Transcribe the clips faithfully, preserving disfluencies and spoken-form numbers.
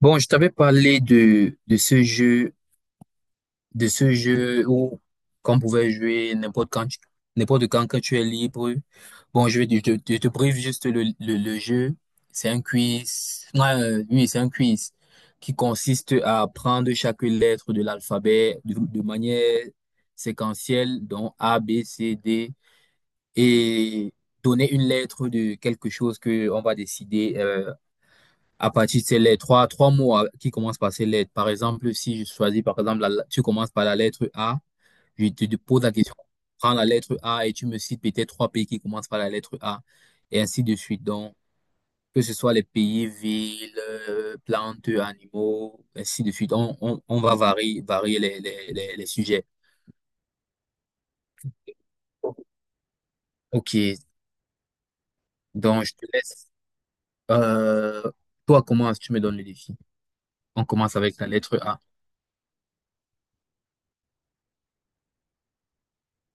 Bon, je t'avais parlé de, de ce jeu, de ce jeu où qu'on pouvait jouer n'importe quand, tu- n'importe quand quand tu es libre. Bon, je vais te, je te, te brief juste le, le, le jeu. C'est un quiz. Non, euh, Oui, c'est un quiz qui consiste à prendre chaque lettre de l'alphabet de, de manière séquentielle, donc A, B, C, D, et donner une lettre de quelque chose que on va décider. Euh, à partir de ces lettres, trois, trois mots à- qui commencent par ces lettres. Par exemple, si je choisis, par exemple, la- tu commences par la lettre A, je te te pose la question, prends la lettre A et tu me cites peut-être trois pays qui commencent par la lettre A, et ainsi de suite. Donc, que ce soit les pays, villes, euh, plantes, animaux, ainsi de suite. On, on, on va varier, varier les, les, les, les sujets. Ok, donc je te laisse. Euh, Toi, comment tu me donnes le défi? On commence avec la lettre A.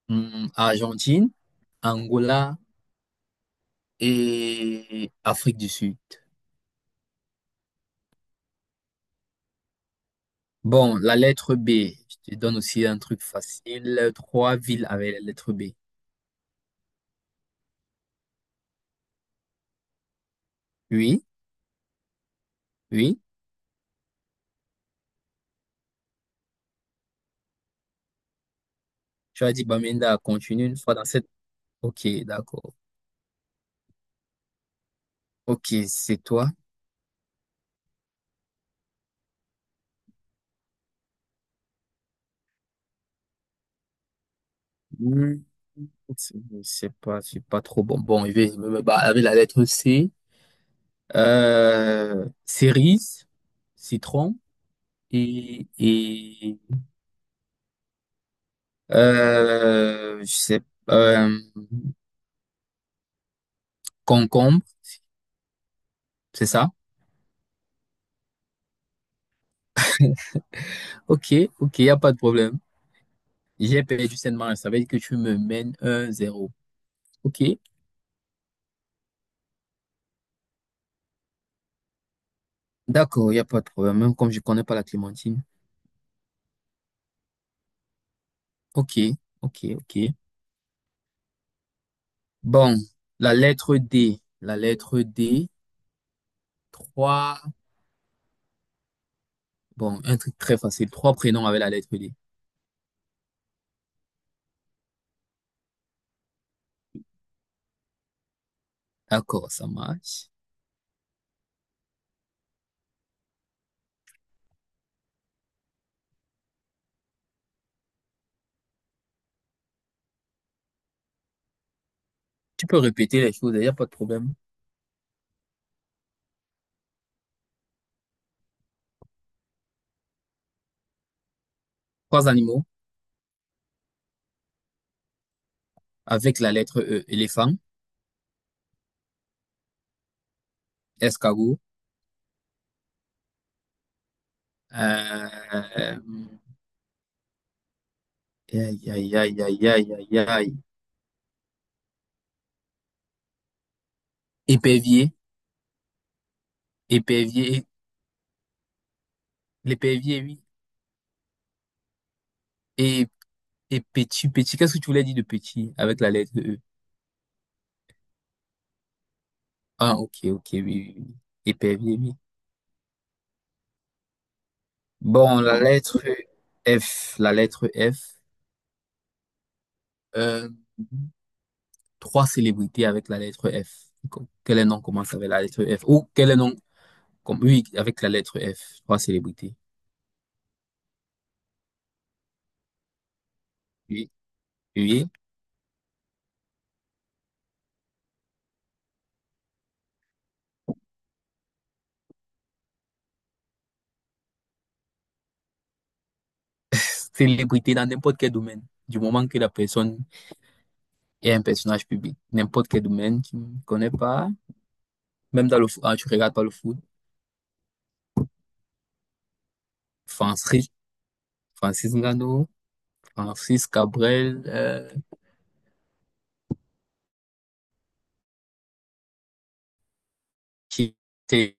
Hmm, Argentine, Angola, et Afrique du Sud. Bon, la lettre B, je te donne aussi un truc facile. Trois villes avec la lettre B. Oui, oui. Tu as dit Bamenda, continue une fois dans cette. Ok, d'accord. Ok, c'est toi. Hmm, c'est- Je sais pas, je suis pas trop bon. Bon, je vais je vais me barrer avec la lettre C. Euh, cerise, citron et, et euh, je sais, euh, concombre, c'est ça? Ok, ok, il a pas de problème. J'ai perdu sainement, ça veut dire que tu me mènes un zéro. Ok, d'accord, il a pas de problème, même comme je connais pas la clémentine. Ok, ok, ok. Bon, la lettre D, la lettre D, trois, bon, un truc très facile, trois prénoms avec la lettre D. D'accord, ça marche. Tu peux répéter les choses, il n'y a pas de problème. Trois animaux avec la lettre E, éléphant, escargot, euh, aïe, aïe, aïe, aïe, aïe, aïe, aïe, épervier, épervier. L'épervier, oui. Et, et petit, petit, qu'est-ce que tu voulais dire de petit avec la lettre E? Ah, ok, ok, oui, oui, oui. Épervier, oui. Bon, la lettre F, la lettre F. Euh, Trois célébrités avec la lettre F. Co- Quel nom commence avec la lettre F? Ou quel nom, comme, oui, avec la lettre F. Trois célébrités. Oui, oui, oui. Célébrité dans n'importe quel domaine. Du moment que la personne est un personnage public. N'importe quel domaine, tu ne connais pas. Même dans le foot, ah, tu regardes pas le foot. Enfin, Francis Ngannou, Francis Cabrel, euh, qui était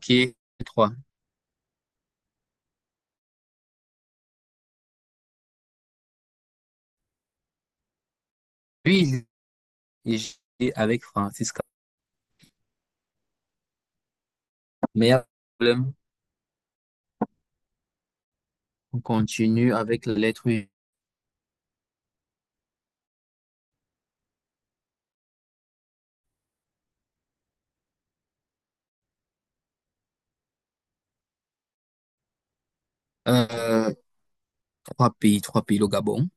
qui trois. Lui, il avec Francis Cabrel. Mais il y a un problème. On continue avec la lettre U. Euh, trois pays, trois pays, le Gabon,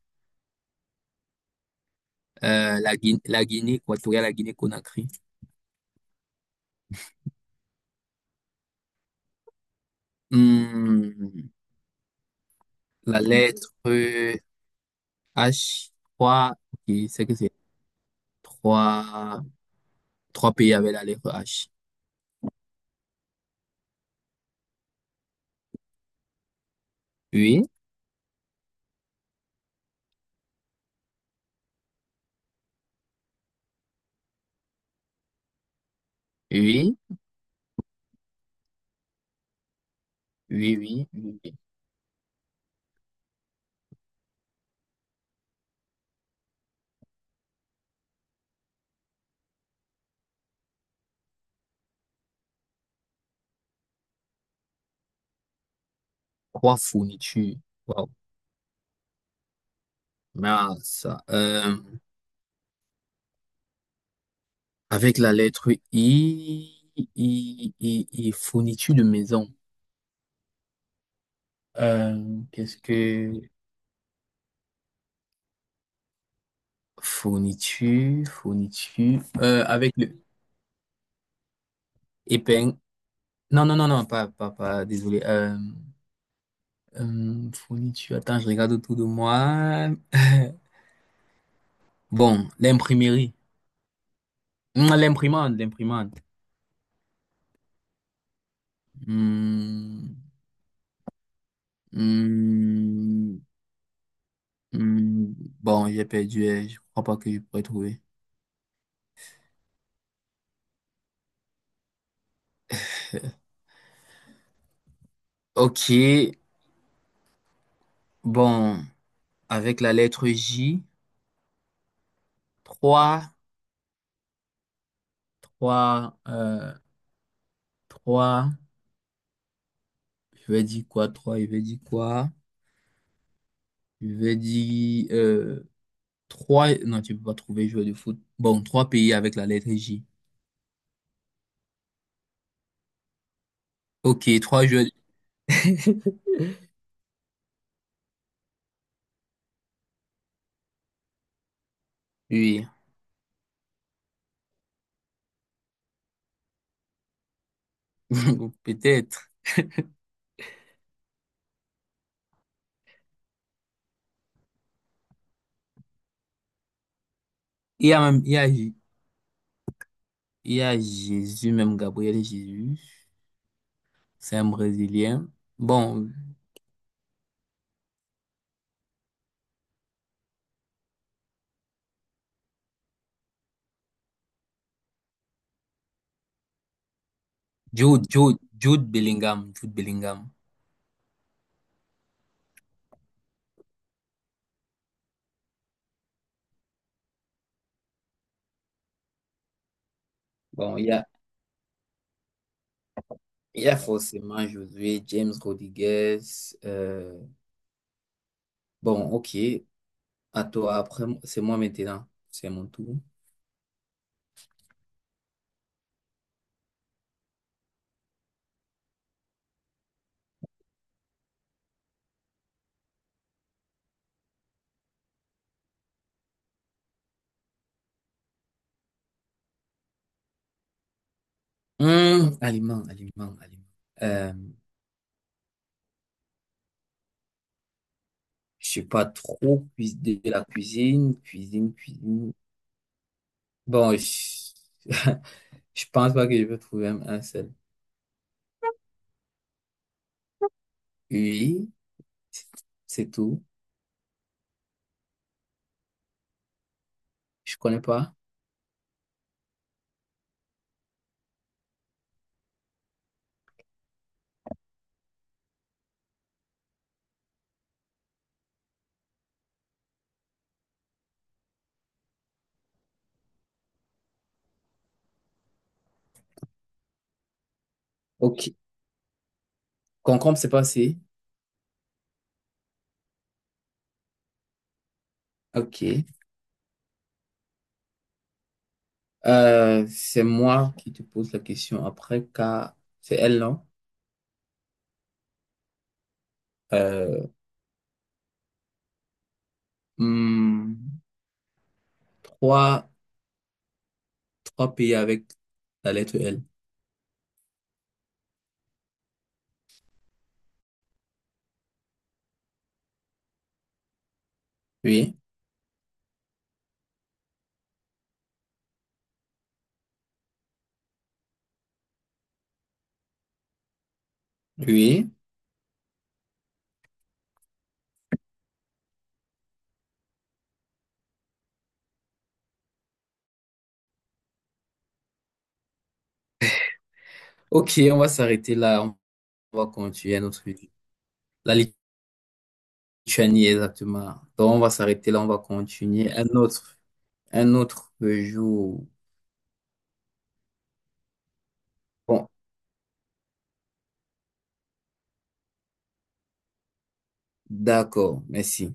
euh, la Guinée, la Guinée équatoriale, la Guinée-Conakry. Hmm, la lettre H, trois, ok, c'est que c'est trois, trois pays avec la lettre H. Oui, oui, oui, oui, oui. Trois fournitures. Wow. Mais ça, euh, avec la lettre I, I, I, I, fourniture de maison. Euh, qu'est-ce que fourniture, fourniture, euh, avec le épingle. Non, non, non, non, pas, pas, pas, désolé. Euh, euh, fourniture, attends, je regarde autour de moi. Bon, l'imprimerie. Hum, L'imprimante, l'imprimante. Hum, hum, Hmm, bon, j'ai perdu, euh, je crois pas que je pourrais trouver. Ok, bon, avec la lettre J, trois trois euh, trois, je vais dire quoi, trois je vais dire quoi, je vais dire euh, trois, non, tu peux pas trouver joueur de foot. Bon, trois pays avec la lettre J. Ok, trois joueurs, oui, peut-être. Il y a même, il y a, il y a Jésus, même Gabriel Jésus, c'est un Brésilien. Bon, Jude, Jude, Jude Bellingham, Jude Bellingham. Bon, il y a, il y a forcément Josué, James Rodriguez. euh, bon, ok. À toi, après, c'est moi maintenant. C'est mon tour. Hum, aliments, aliments, aliment. Euh, je sais pas trop cuisiner de la cuisine, cuisine, cuisine. Bon, je, je pense pas que je peux trouver un, un seul. Oui, c'est tout. Je connais pas. Ok. Concombre, c'est passé. Ok. Euh, c'est moi qui te pose la question après, car c'est elle, non? Euh, hmm, trois, trois pays avec la lettre L. Oui, oui. Ok, on va s'arrêter là. On va continuer un autre. La Lituanie, exactement. Donc, on va s'arrêter là. On va continuer un autre, un autre jour. Bon, d'accord. Merci.